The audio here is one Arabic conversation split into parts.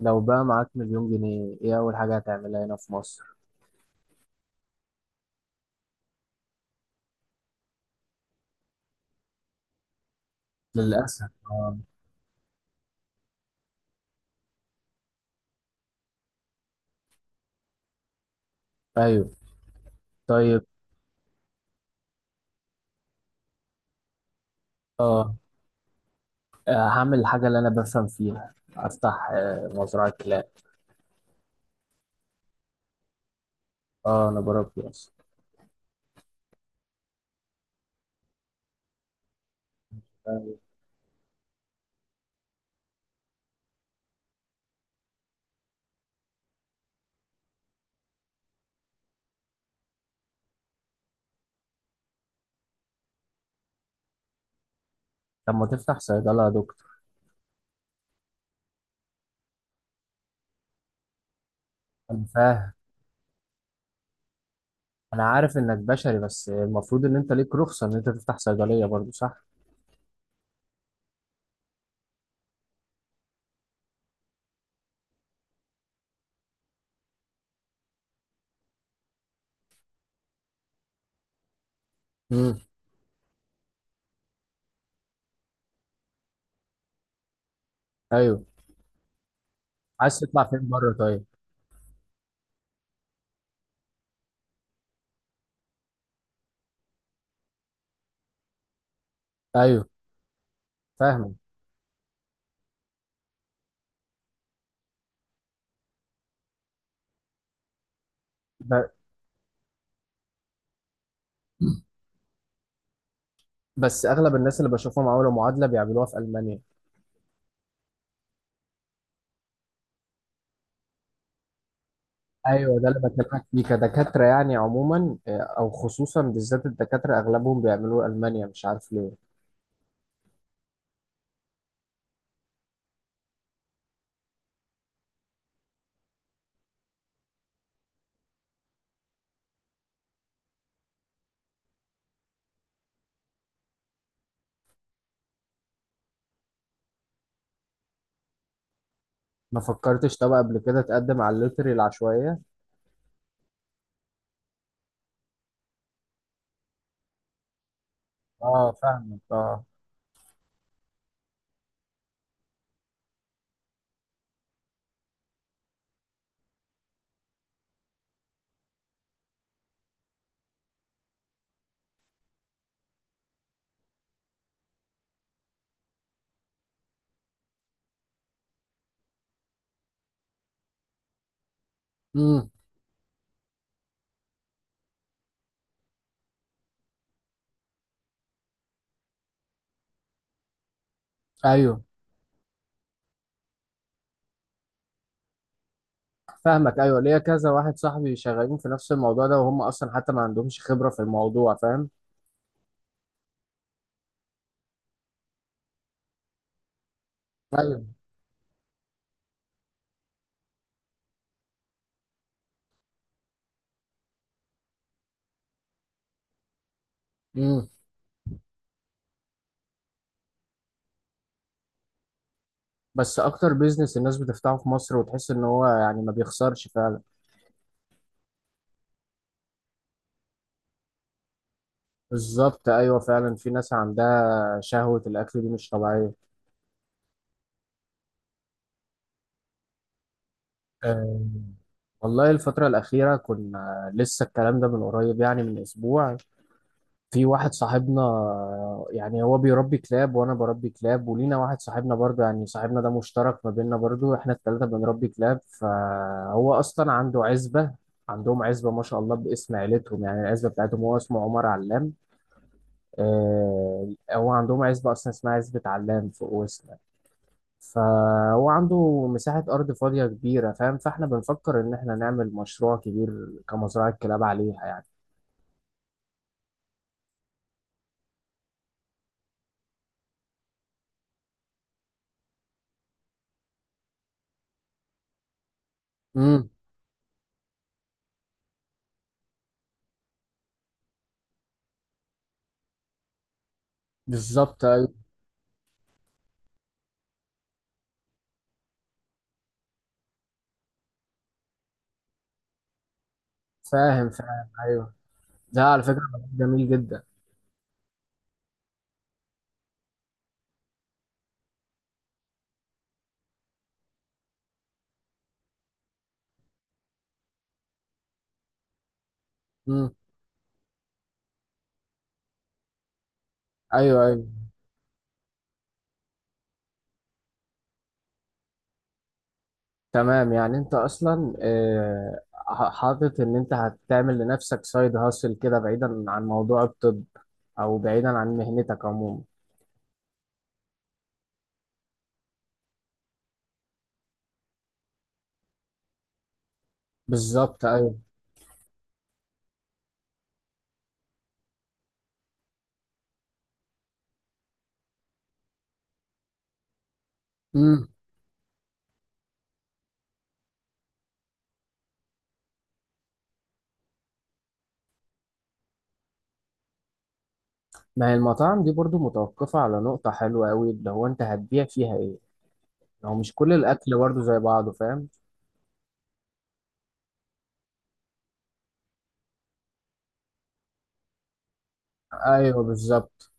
لو بقى معاك مليون جنيه ايه اول حاجة هتعملها هنا في مصر؟ للأسف اه. ايوه. طيب. اه هعمل الحاجة اللي انا بفهم فيها، افتح مزرعة كلاب. اه انا بربي اصلا. آه، طب ما تفتح صيدلة يا دكتور؟ انا فاهم. انا عارف انك بشري، بس المفروض ان انت ليك رخصة ان انت تفتح صيدلية برضو، صح؟ امم. ايوه، عايز تطلع فين بره طيب؟ ايوه، فاهمك. ب- بس اغلب الناس اللي بشوفهم عملوا معادلة بيعملوها في ألمانيا. ايوه، ده اللي بكلمك فيه كدكاتره يعني، عموما او خصوصا بالذات الدكاتره اغلبهم بيعملوه المانيا، مش عارف ليه. ما فكرتش طب قبل كده تقدم على اللوتري العشوائيه؟ اه فاهمك، اه. امم. ايوه فاهمك. ايوه ليا كذا واحد صاحبي شغالين في نفس الموضوع ده، وهم اصلا حتى ما عندهمش خبره في الموضوع، فاهم؟ ايوه. امم. بس اكتر بيزنس الناس بتفتحه في مصر وتحس ان هو يعني ما بيخسرش فعلا. بالظبط، ايوه فعلا، في ناس عندها شهوه الاكل دي مش طبيعيه. آه، والله الفترة الأخيرة كنا لسه الكلام ده من قريب، يعني من أسبوع. في واحد صاحبنا، يعني هو بيربي كلاب وأنا بربي كلاب، ولينا واحد صاحبنا برضه، يعني صاحبنا ده مشترك ما بيننا، برضه إحنا التلاتة بنربي كلاب، فهو أصلا عنده عزبة. عندهم عزبة ما شاء الله باسم عيلتهم، يعني العزبة بتاعتهم، هو اسمه عمر علام. هو عندهم عزبة أصلا اسمها عزبة علام فوق وسط. فهو عنده مساحة أرض فاضية كبيرة، فاهم؟ فاحنا بنفكر إن احنا نعمل مشروع كبير كمزرعة كلاب عليها يعني. امم. بالظبط أيوه. فاهم فاهم، أيوه، ده على فكرة مجال جميل جدا. امم. أيوه أيوه. تمام، يعني أنت أصلا حاطط إن أنت هتعمل لنفسك سايد هاسل كده بعيدا عن موضوع الطب، أو بعيدا عن مهنتك عموما. بالظبط أيوه. امم. ما هي المطاعم دي برضو متوقفة على نقطة حلوة أوي، اللي هو أنت هتبيع فيها إيه؟ هو مش كل الاكل برضه زي بعضه، فاهم؟ ايوه بالظبط.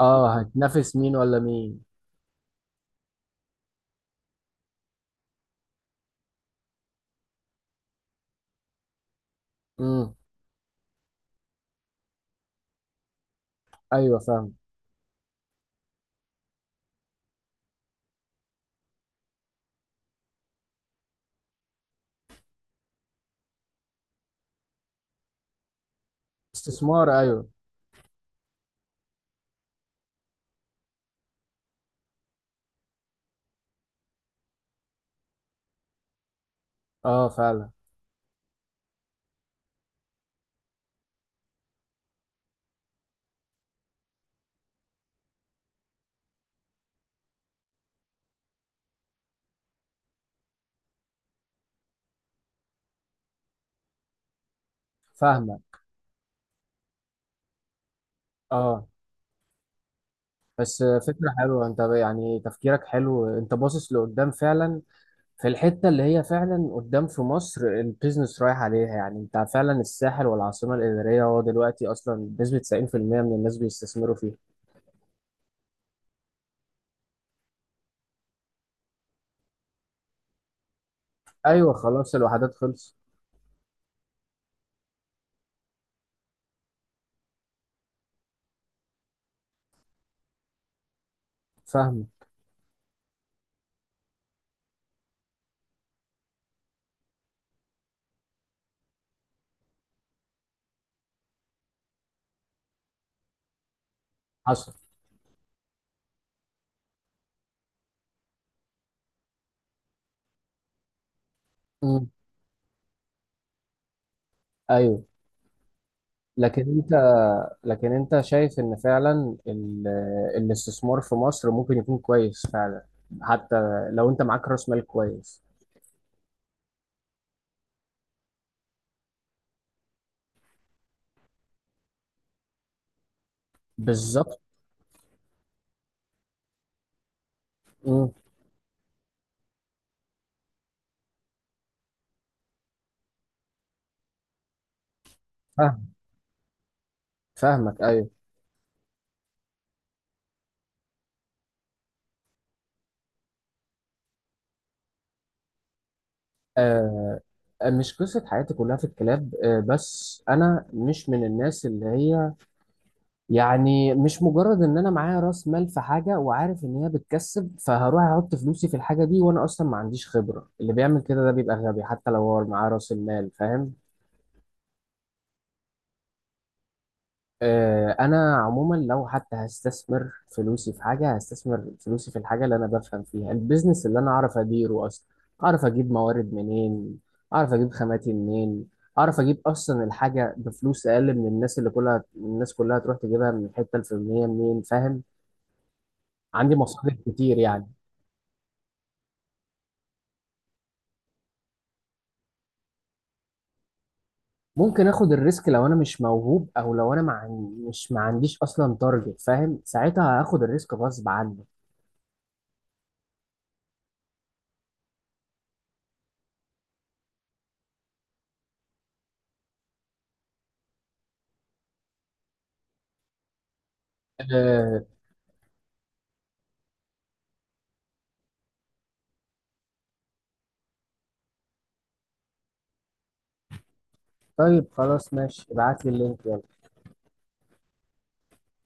اه هتنافس مين ولا مين؟ امم. ايوه فاهم. استثمار، ايوه. اه فعلا. فاهمك، اه. بس فكره حلوه، انت يعني تفكيرك حلو، انت باصص لقدام فعلا، في الحته اللي هي فعلا قدام في مصر البيزنس رايح عليها، يعني انت فعلا الساحل والعاصمه الاداريه هو دلوقتي اصلا بنسبه 90% من الناس بيستثمروا فيها. ايوه خلاص، الوحدات خلص. فاهم. حصل. امم. ايوه. لكن انت، لكن انت شايف ان فعلا الاستثمار في مصر ممكن يكون كويس فعلا، حتى لو انت معاك راس مال كويس؟ بالظبط. مم، فاهم. فاهمك، ايوه. آه. آه، مش قصه حياتي كلها في الكلاب، آه بس انا مش من الناس اللي هي، يعني مش مجرد ان انا معايا راس مال في حاجه وعارف ان هي بتكسب فهروح احط فلوسي في الحاجه دي وانا اصلا ما عنديش خبره. اللي بيعمل كده ده بيبقى غبي حتى لو هو معاه راس المال، فاهم؟ انا عموما لو حتى هستثمر فلوسي في حاجه، هستثمر فلوسي في الحاجه اللي انا بفهم فيها، البيزنس اللي انا اعرف اديره اصلا، اعرف اجيب موارد منين، اعرف اجيب خاماتي منين، اعرف اجيب اصلا الحاجه بفلوس اقل من الناس اللي كلها، الناس كلها تروح تجيبها من الحته الفلانيه منين، فاهم؟ عندي مصاريف كتير يعني. ممكن اخد الريسك لو انا مش موهوب، او لو انا مع... مش ما عنديش اصلا تارجت، فاهم؟ ساعتها هاخد الريسك غصب عني. أه... طيب خلاص ماشي، ابعت لي اللينك يلا.